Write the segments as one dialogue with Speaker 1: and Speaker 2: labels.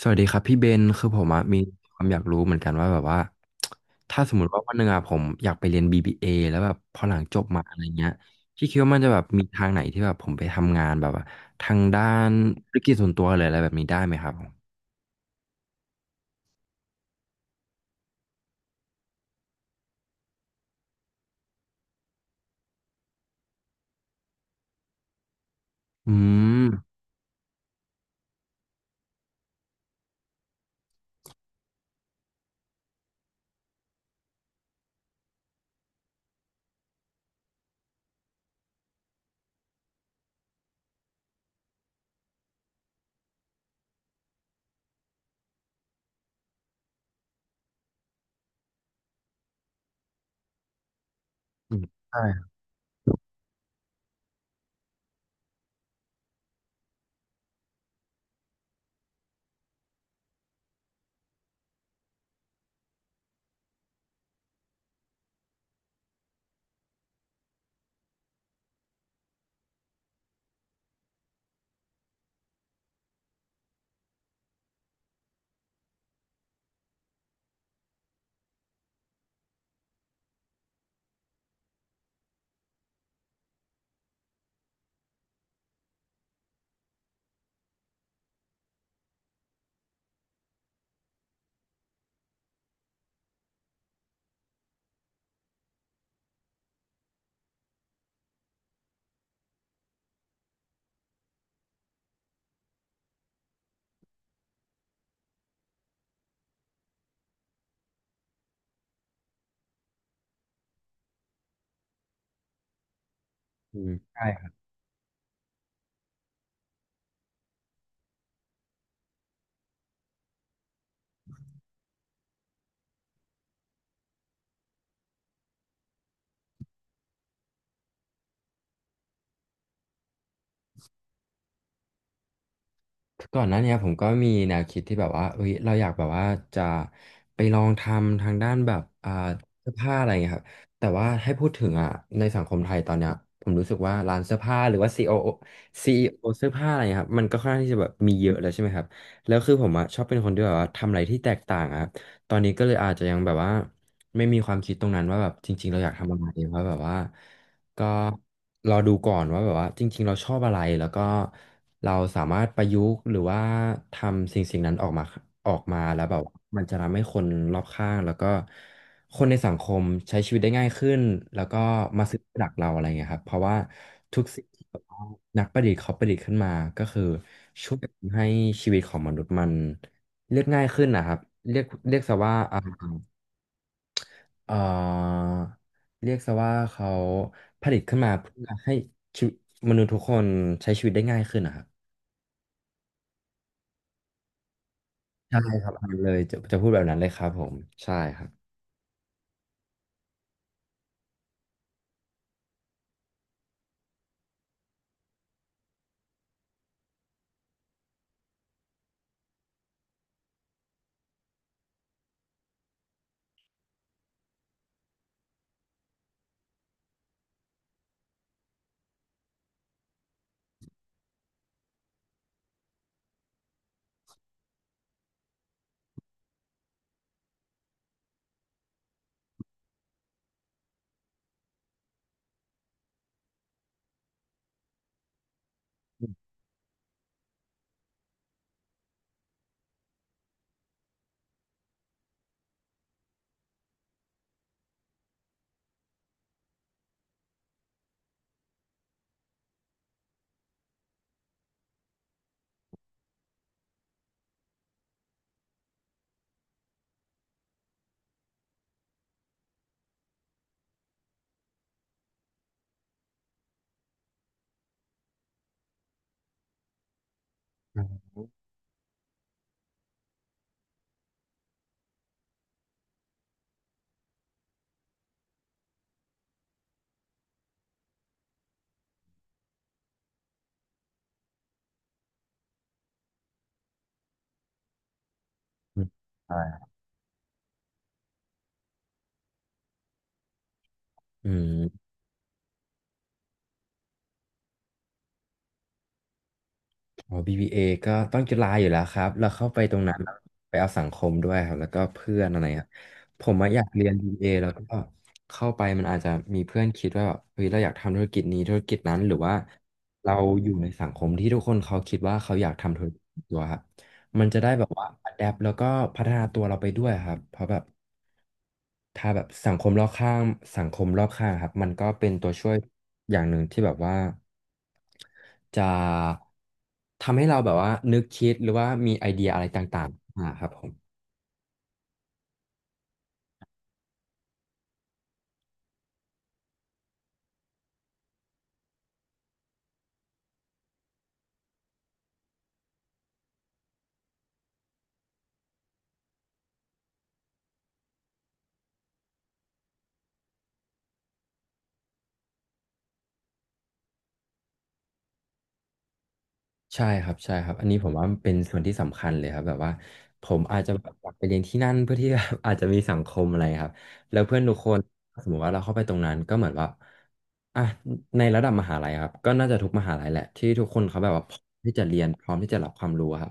Speaker 1: สวัสดีครับพี่เบนคือผมอะมีความอยากรู้เหมือนกันว่าแบบว่าถ้าสมมติว่าวันหนึ่งอะผมอยากไปเรียน BBA แล้วแบบพอหลังจบมาอะไรเงี้ยพี่คิดว่ามันจะแบบมีทางไหนที่แบบผมไปทำงานแบบว่าทางด้านธุรกิจส่วนตัวหรืออะไรแบบนี้ได้ไหมครับผมอืมอืมใช่อืมใช่ ก่อนหน้าเนี้ยผมก็มีแนวคิดที่แบบว่าเอ้ยเราอยากแบบว่าจะไปลองทำทางด้านแบบเสื้อผ้าอะไรเงี้ยครับแต่ว่าให้พูดถึงอ่ะในสังคมไทยตอนเนี้ยผมรู้สึกว่าร้านเสื้อผ้าหรือว่า CEO ีโอโอซีอีโอเสื้อผ้าอะไรเงี้ยครับมันก็ค่อนข้างที่จะแบบมีเยอะแล้วใช่ไหมครับแล้วคือผมอ่ะชอบเป็นคนที่แบบว่าทำอะไรที่แตกต่างอะครับตอนนี้ก็เลยอาจจะยังแบบว่าไม่มีความคิดตรงนั้นว่าแบบจริงๆเราอยากทำอะไรเพราะแบบว่า ก็รอดูก่อนว่าแบบว่าจริงๆเราชอบอะไรแล้วก็เราสามารถประยุกต์หรือว่าทำสิ่งนั้นออกมาออกมาแล้วแบบว่ามันจะทำให้คนรอบข้างแล้วก็คนในสังคมใช้ชีวิตได้ง่ายขึ้นแล้วก็มาซื้อหลักเราอะไรเงี้ยครับเพราะว่าทุกสิ่งที่แบบว่านักประดิษฐ์เขาประดิษฐ์ขึ้นมาก็คือช่วยให้ชีวิตของมนุษย์มันเรียกง่ายขึ้นนะครับเรียกซะว่าเอ่อเรียกซะว่าเขาผลิตขึ้นมาเพื่อให้ชีวิตมนุษย์ทุกคนใช้ชีวิตได้ง่ายขึ้นนะครับใช่ครับเลยจะพูดแบบนั้นเลยครับผมใช่ครับอืมใช่อืม อ๋อ BBA ก็ต้องจุฬาอยู่แล้วครับแล้วเข้าไปตรงนั้นไปเอาสังคมด้วยครับแล้วก็เพื่อนอะไรครับ ผมอะอยากเรียน BBA แล้วก็เข้าไปมันอาจจะมีเพื่อนคิดว่าแบบเฮ้ยเราอยากทำธุรกิจนี้ธุรกิจนั้นหรือว่าเราอยู่ในสังคมที่ทุกคนเขาคิดว่าเขาอยากทำธุรกิจตัวครับมันจะได้แบบว่า adapt แ p ปแล้วก็พัฒนาตัวเราไปด้วยครับเพราะแบบ ถ้าแบบสังคมรอบข้างสังคมรอบข้างครับมันก็เป็นตัวช่วยอย่างหนึ่งที่แบบว่าจะทำให้เราแบบว่านึกคิดหรือว่ามีไอเดียอะไรต่างๆอ่าครับผม ใช่ครับอันนี้ผมว่ามันเป็นส่วนที่สำคัญเลยครับแบบว่าผมอาจจะแบบอยากไปเรียนที่นั่นเพื่อที่ แบบ อาจจะมีสังคมอะไรครับแล้วเพื่อนทุกคนสมมติว่าเราเข้าไปตรงนั้นก็เหมือนว่าอ่ะในระดับมหาลัยครับก็น่าจะทุกมหาลัยแหละที่ทุกคนเขาแบบว่าพร้อมที่จะเรียนพร้อมที่จะรับความรู้ครับ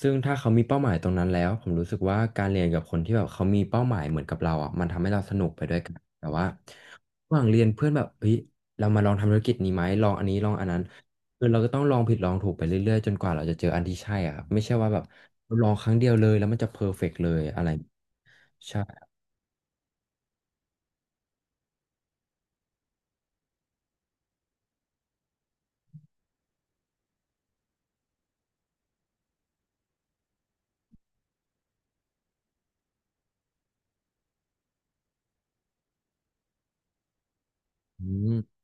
Speaker 1: ซึ่งถ้าเขามีเป้าหมายตรงนั้นแล้วผมรู้สึกว่าการเรียนกับคนที่แบบเขามีเป้าหมายเหมือนกับเราอ่ะมันทำให้เราสนุกไปด้วยกันแต่ว่าระหว่างเรียนเพื่อนแบบเฮ้ยเรามาลองทำธุรกิจนี้ไหมลองอันนี้ลองอันนั้น คือเราก็ต้องลองผิดลองถูกไปเรื่อยๆจนกว่าเราจะเจออันที่ใช่อะครับไม่ใช่ว่าแบบลองครั้งเดียวเลยแล้วมันจะเพอร์เฟกต์เลยอะไรใช่อืม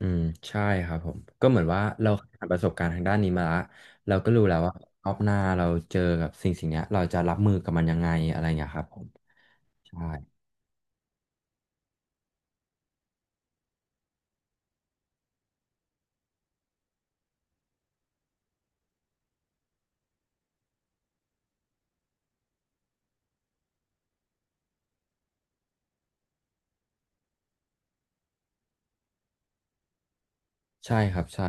Speaker 1: อืมใช่ครับผมก็เหมือนว่าเราผ่านประสบการณ์ทางด้านนี้มาละเราก็รู้แล้วว่ารอบหน้าเราเจอกับสิ่งเนี้ยเราจะรับมือกับมันยังไงอะไรเงี้ยครับผมใช่ใช่ครับใช่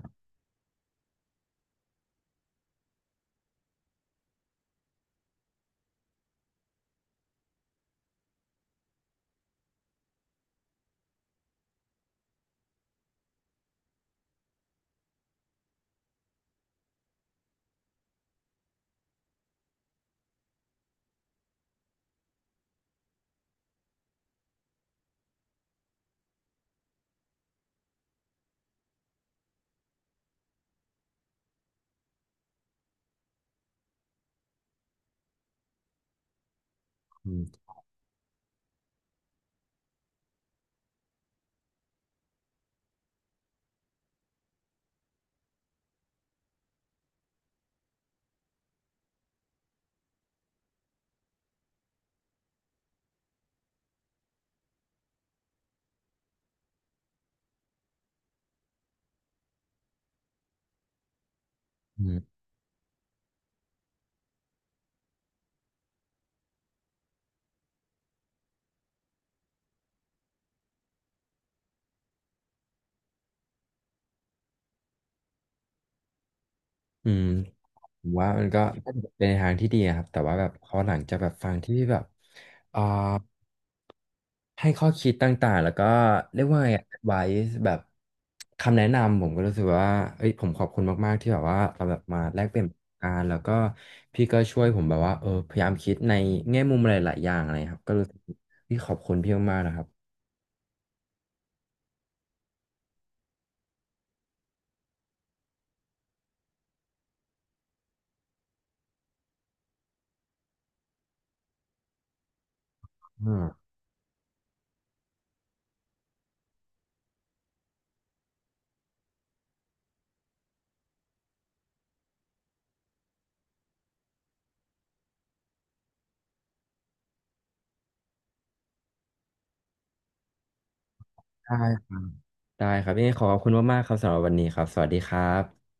Speaker 1: อืมอืมอืมผมว่ามันก็เป็นทางที่ดีอะครับแต่ว่าแบบพอหลังจะแบบฟังที่แบบอ่า ให้ข้อคิดต่างๆแล้วก็เรียกว่าไงไว้แบบคำแนะนำผมก็รู้สึกว่าเอ้ยผมขอบคุณมากๆที่แบบว่าเราแบบมาแลกเปลี่ยนประสบการณ์แล้วก็พี่ก็ช่วยผมแบบว่าเออพยายามคิดในแง่มุมหลายๆอย่างอะไรครับก็รู้สึกพี่ขอบคุณพี่มากๆนะครับอืมได้ได้ครับยังไงขอขอบคุณมากๆครับสำหรับวันนี้ครับสวัสดีครับ